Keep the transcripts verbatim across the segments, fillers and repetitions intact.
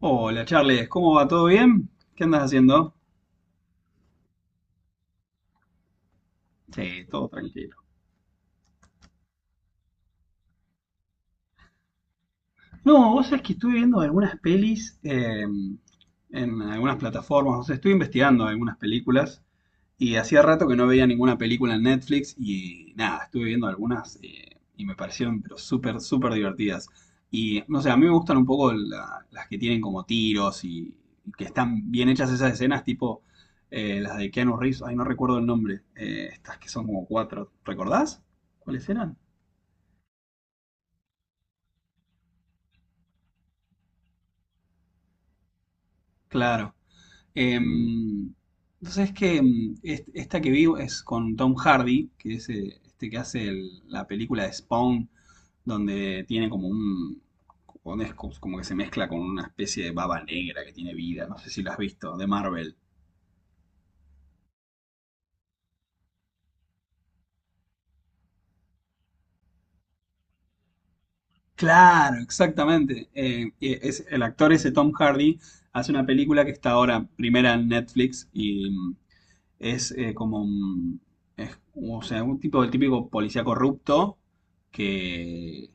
Hola Charles, ¿cómo va? ¿Todo bien? ¿Qué andas haciendo? Sí, todo tranquilo. No, vos sabés que estuve viendo algunas pelis eh, en algunas plataformas, o sea, estuve investigando algunas películas y hacía rato que no veía ninguna película en Netflix y nada, estuve viendo algunas eh, y me parecieron pero súper, súper divertidas. Y no sé, a mí me gustan un poco la- las que tienen como tiros y, y que están bien hechas esas escenas, tipo eh, las de Keanu Reeves, ay, no recuerdo el nombre, eh, estas que son como cuatro, ¿recordás? ¿Cuáles eran? Claro. Em, entonces es que mm, est- esta que vi es con Tom Hardy, que es eh, este que hace el- la película de Spawn, donde tiene como un... donde es como como que se mezcla con una especie de baba negra que tiene vida, no sé si lo has visto, de Marvel. Claro, exactamente. Eh, eh, es, el actor ese Tom Hardy hace una película que está ahora primera en Netflix y mm, es eh, como un, es, o sea, un tipo, el típico policía corrupto que,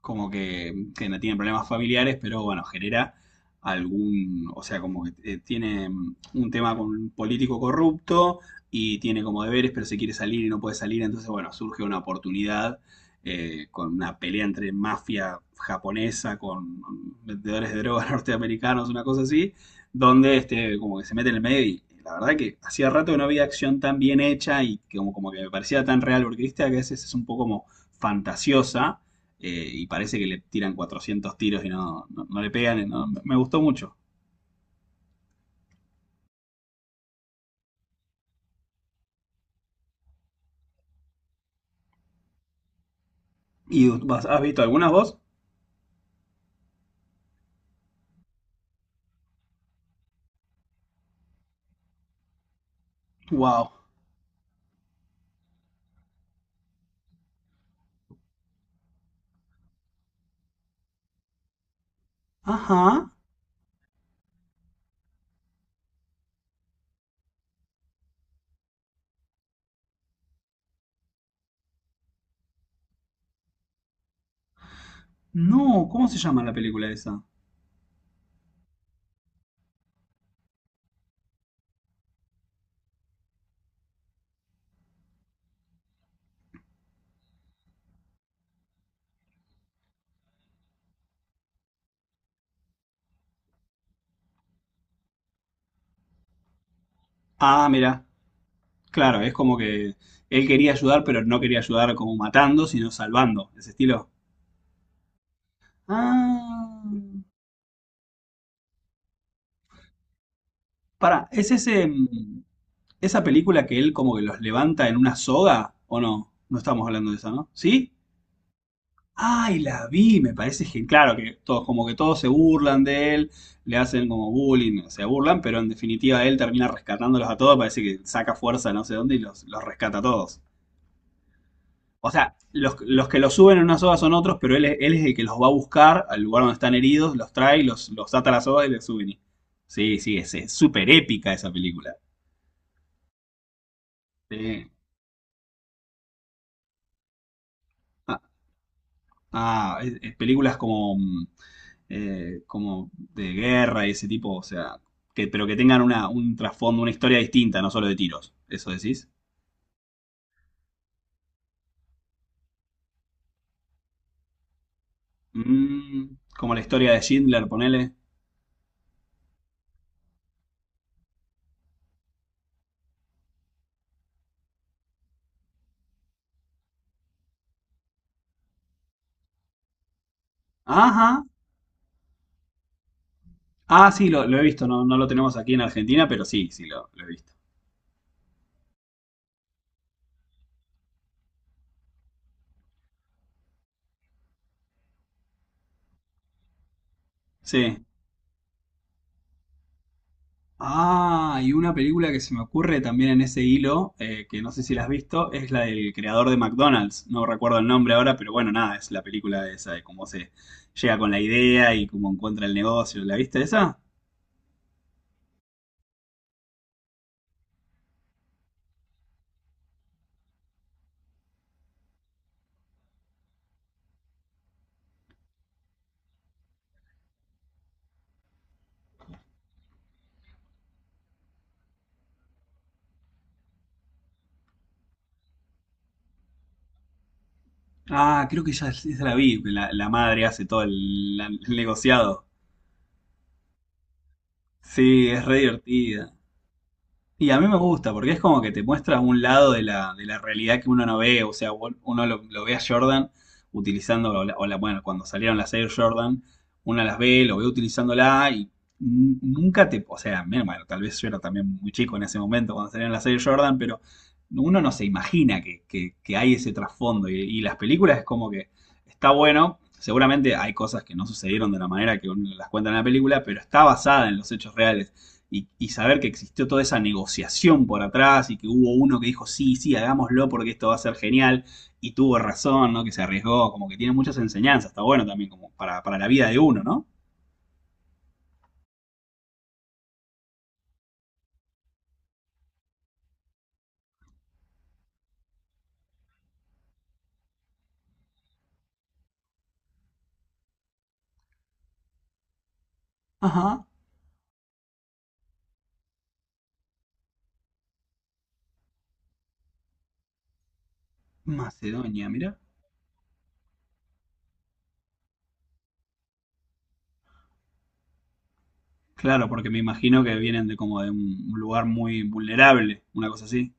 como que, que no tiene problemas familiares, pero bueno, genera algún, o sea, como que eh, tiene mm, un tema con un político corrupto y tiene como deberes, pero se quiere salir y no puede salir, entonces bueno, surge una oportunidad eh, con una pelea entre mafia japonesa con mm, vendedores de drogas norteamericanos, una cosa así, donde este, como que se mete en el medio y la verdad que hacía rato que no había acción tan bien hecha y que como, como que me parecía tan real, porque viste que a veces es un poco como fantasiosa eh, y parece que le tiran cuatrocientos tiros y no, no, no le pegan. no- me gustó mucho. ¿Y vos has visto algunas vos? ¡Wow! Ajá. No, ¿cómo se llama la película esa? Ah, mira. Claro, es como que él quería ayudar, pero no quería ayudar como matando, sino salvando. Ese estilo. Ah. Pará, ¿es ese, mm, esa película que él como que los levanta en una soga? ¿O no? No estamos hablando de esa, ¿no? ¿Sí? Ay, la vi, me parece que, claro, que todos, como que todos se burlan de él, le hacen como bullying, se burlan, pero en definitiva él termina rescatándolos a todos, parece que saca fuerza de no sé dónde y los, los rescata a todos. O sea, los, los que los suben en una soga son otros, pero él, es- él es el que los va a buscar al lugar donde están heridos, los trae, los, los ata a la soga y les suben. y- Sí, sí, es es súper épica esa película. Sí. Ah, ah, es- es películas como mm, eh, como de guerra y ese tipo, o sea, que, pero que tengan una, un trasfondo, una historia distinta, no solo de tiros. ¿Eso decís? Mm, como la historia de Schindler, ponele. Ajá. Ah, sí, lo, lo he visto, no, no lo tenemos aquí en Argentina, pero sí, sí, lo, lo he visto. Sí. Ah, y una película que se me ocurre también en ese hilo, eh, que no sé si la has visto, es la del creador de McDonald's. No recuerdo el nombre ahora, pero bueno, nada, es la película esa de cómo se llega con la idea y cómo encuentra el negocio. ¿La viste esa? Ah, creo que ya es- la vi, la, la madre hace todo el, la- el negociado. Sí, es re divertida. Y a mí me gusta, porque es como que te muestra un lado de la, de la, realidad que uno no ve. O sea, vol- uno lo, lo ve a Jordan utilizando, o la- o la- bueno, cuando salieron las Air Jordan, una las ve, lo ve utilizándola y n- nunca te, o sea, menos mal, tal vez yo era también muy chico en ese momento cuando salieron las Air Jordan, pero uno no se imagina que, que- que hay ese trasfondo. Y, y las películas es como que está bueno. Seguramente hay cosas que no sucedieron de la manera que uno las cuenta en la película, pero está basada en los hechos reales y, y saber que existió toda esa negociación por atrás y que hubo uno que dijo, sí, sí, hagámoslo porque esto va a ser genial y tuvo razón, ¿no? Que se arriesgó, como que tiene muchas enseñanzas, está bueno también como para, para, la vida de uno, ¿no? Ajá, Macedonia, mira. Claro, porque me imagino que vienen de como de un lugar muy vulnerable, una cosa así.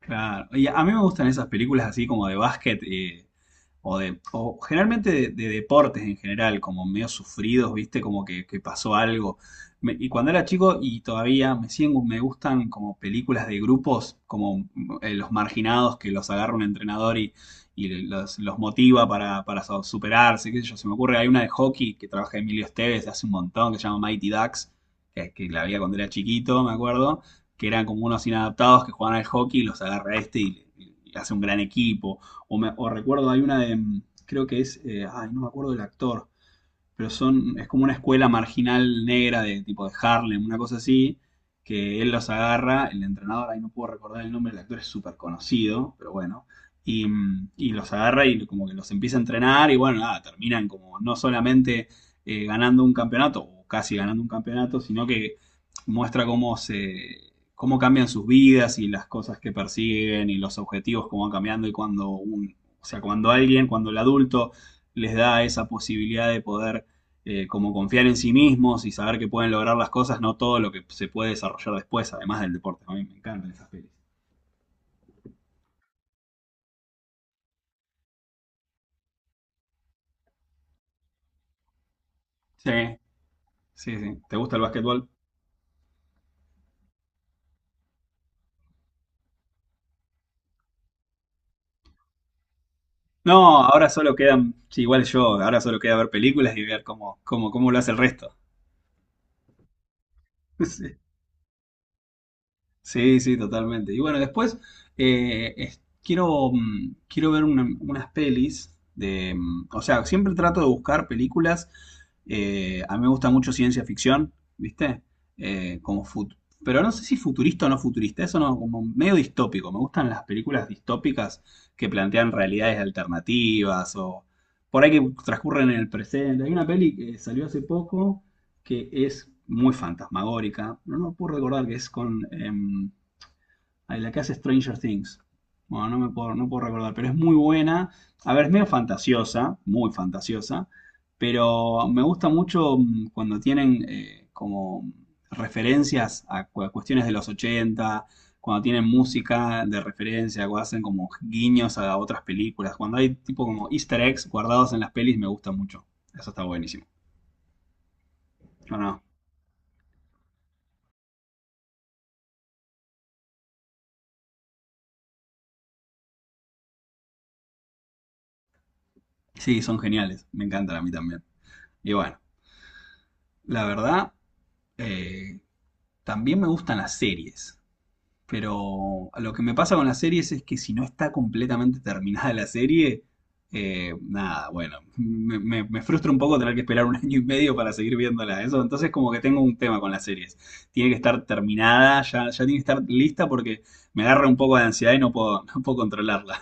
Claro. Y a mí me gustan esas películas así como de básquet, eh, o, de, o generalmente de, de, deportes en general, como medio sufridos, ¿viste? Como que, que pasó algo. Me- y cuando era chico y todavía me siguen, me gustan como películas de grupos, como eh, los marginados que los agarra un entrenador y, y, los, los motiva para, para so- superarse, qué sé yo. Se me ocurre, hay una de hockey que trabaja Emilio Esteves hace un montón, que se llama Mighty Ducks, que, que la había cuando era chiquito, me acuerdo, que eran como unos inadaptados que jugaban al hockey y los agarra este y, y hace un gran equipo. O, me- o recuerdo, hay una de, mm, creo que es, eh, ay, no me acuerdo del actor, pero son, es como una escuela marginal negra de tipo de Harlem, una cosa así, que él los agarra, el entrenador, ahí no puedo recordar el nombre, el actor es súper conocido, pero bueno, y, y los agarra y como que los empieza a entrenar y bueno, nada, terminan como no solamente eh, ganando un campeonato, o casi ganando un campeonato, sino que muestra cómo se cómo cambian sus vidas y las cosas que persiguen y los objetivos cómo van cambiando y cuando un, o sea, cuando alguien, cuando el adulto les da esa posibilidad de poder eh, como confiar en sí mismos y saber que pueden lograr las cosas, no todo lo que se puede desarrollar después, además del deporte. A mí me encantan esas pelis. Sí, sí, sí. ¿Te gusta el básquetbol? No, ahora solo quedan, sí, igual yo, ahora solo queda ver películas y ver cómo, cómo, cómo lo hace el resto. Sí, sí, totalmente. Y bueno, después eh, es- quiero, mm, quiero ver una- unas pelis de... mm, O sea, siempre trato de buscar películas. Eh, a mí me gusta mucho ciencia ficción, ¿viste? Eh, como fut- Pero no sé si futurista o no futurista, eso no, como medio distópico. Me gustan las películas distópicas que plantean realidades alternativas o por ahí que transcurren en el presente. Hay una peli que salió hace poco que es muy fantasmagórica. No, no puedo recordar que es con em, la que hace Stranger Things. Bueno, no me puedo, no puedo recordar, pero es muy buena. A ver, es medio fantasiosa, muy fantasiosa, pero me gusta mucho mm, cuando tienen eh, como referencias a, cu- a cuestiones de los ochenta cuando tienen música de referencia, cuando hacen como guiños a otras películas, cuando hay tipo como easter eggs guardados en las pelis, me gusta mucho. Eso está buenísimo. Bueno, sí, son geniales, me encantan a mí también. Y bueno, la verdad, eh, también me gustan las series, pero lo que me pasa con las series es que si no está completamente terminada la serie, eh, nada, bueno, me, me- me frustra un poco tener que esperar un año y medio para seguir viéndola. Eso, entonces como que tengo un tema con las series. Tiene que estar terminada, ya, ya tiene que estar lista porque me agarra un poco de ansiedad y no puedo, no puedo controlarla.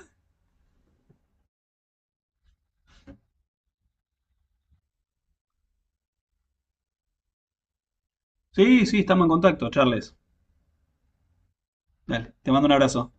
Sí, sí, estamos en contacto, Charles. Dale, te mando un abrazo.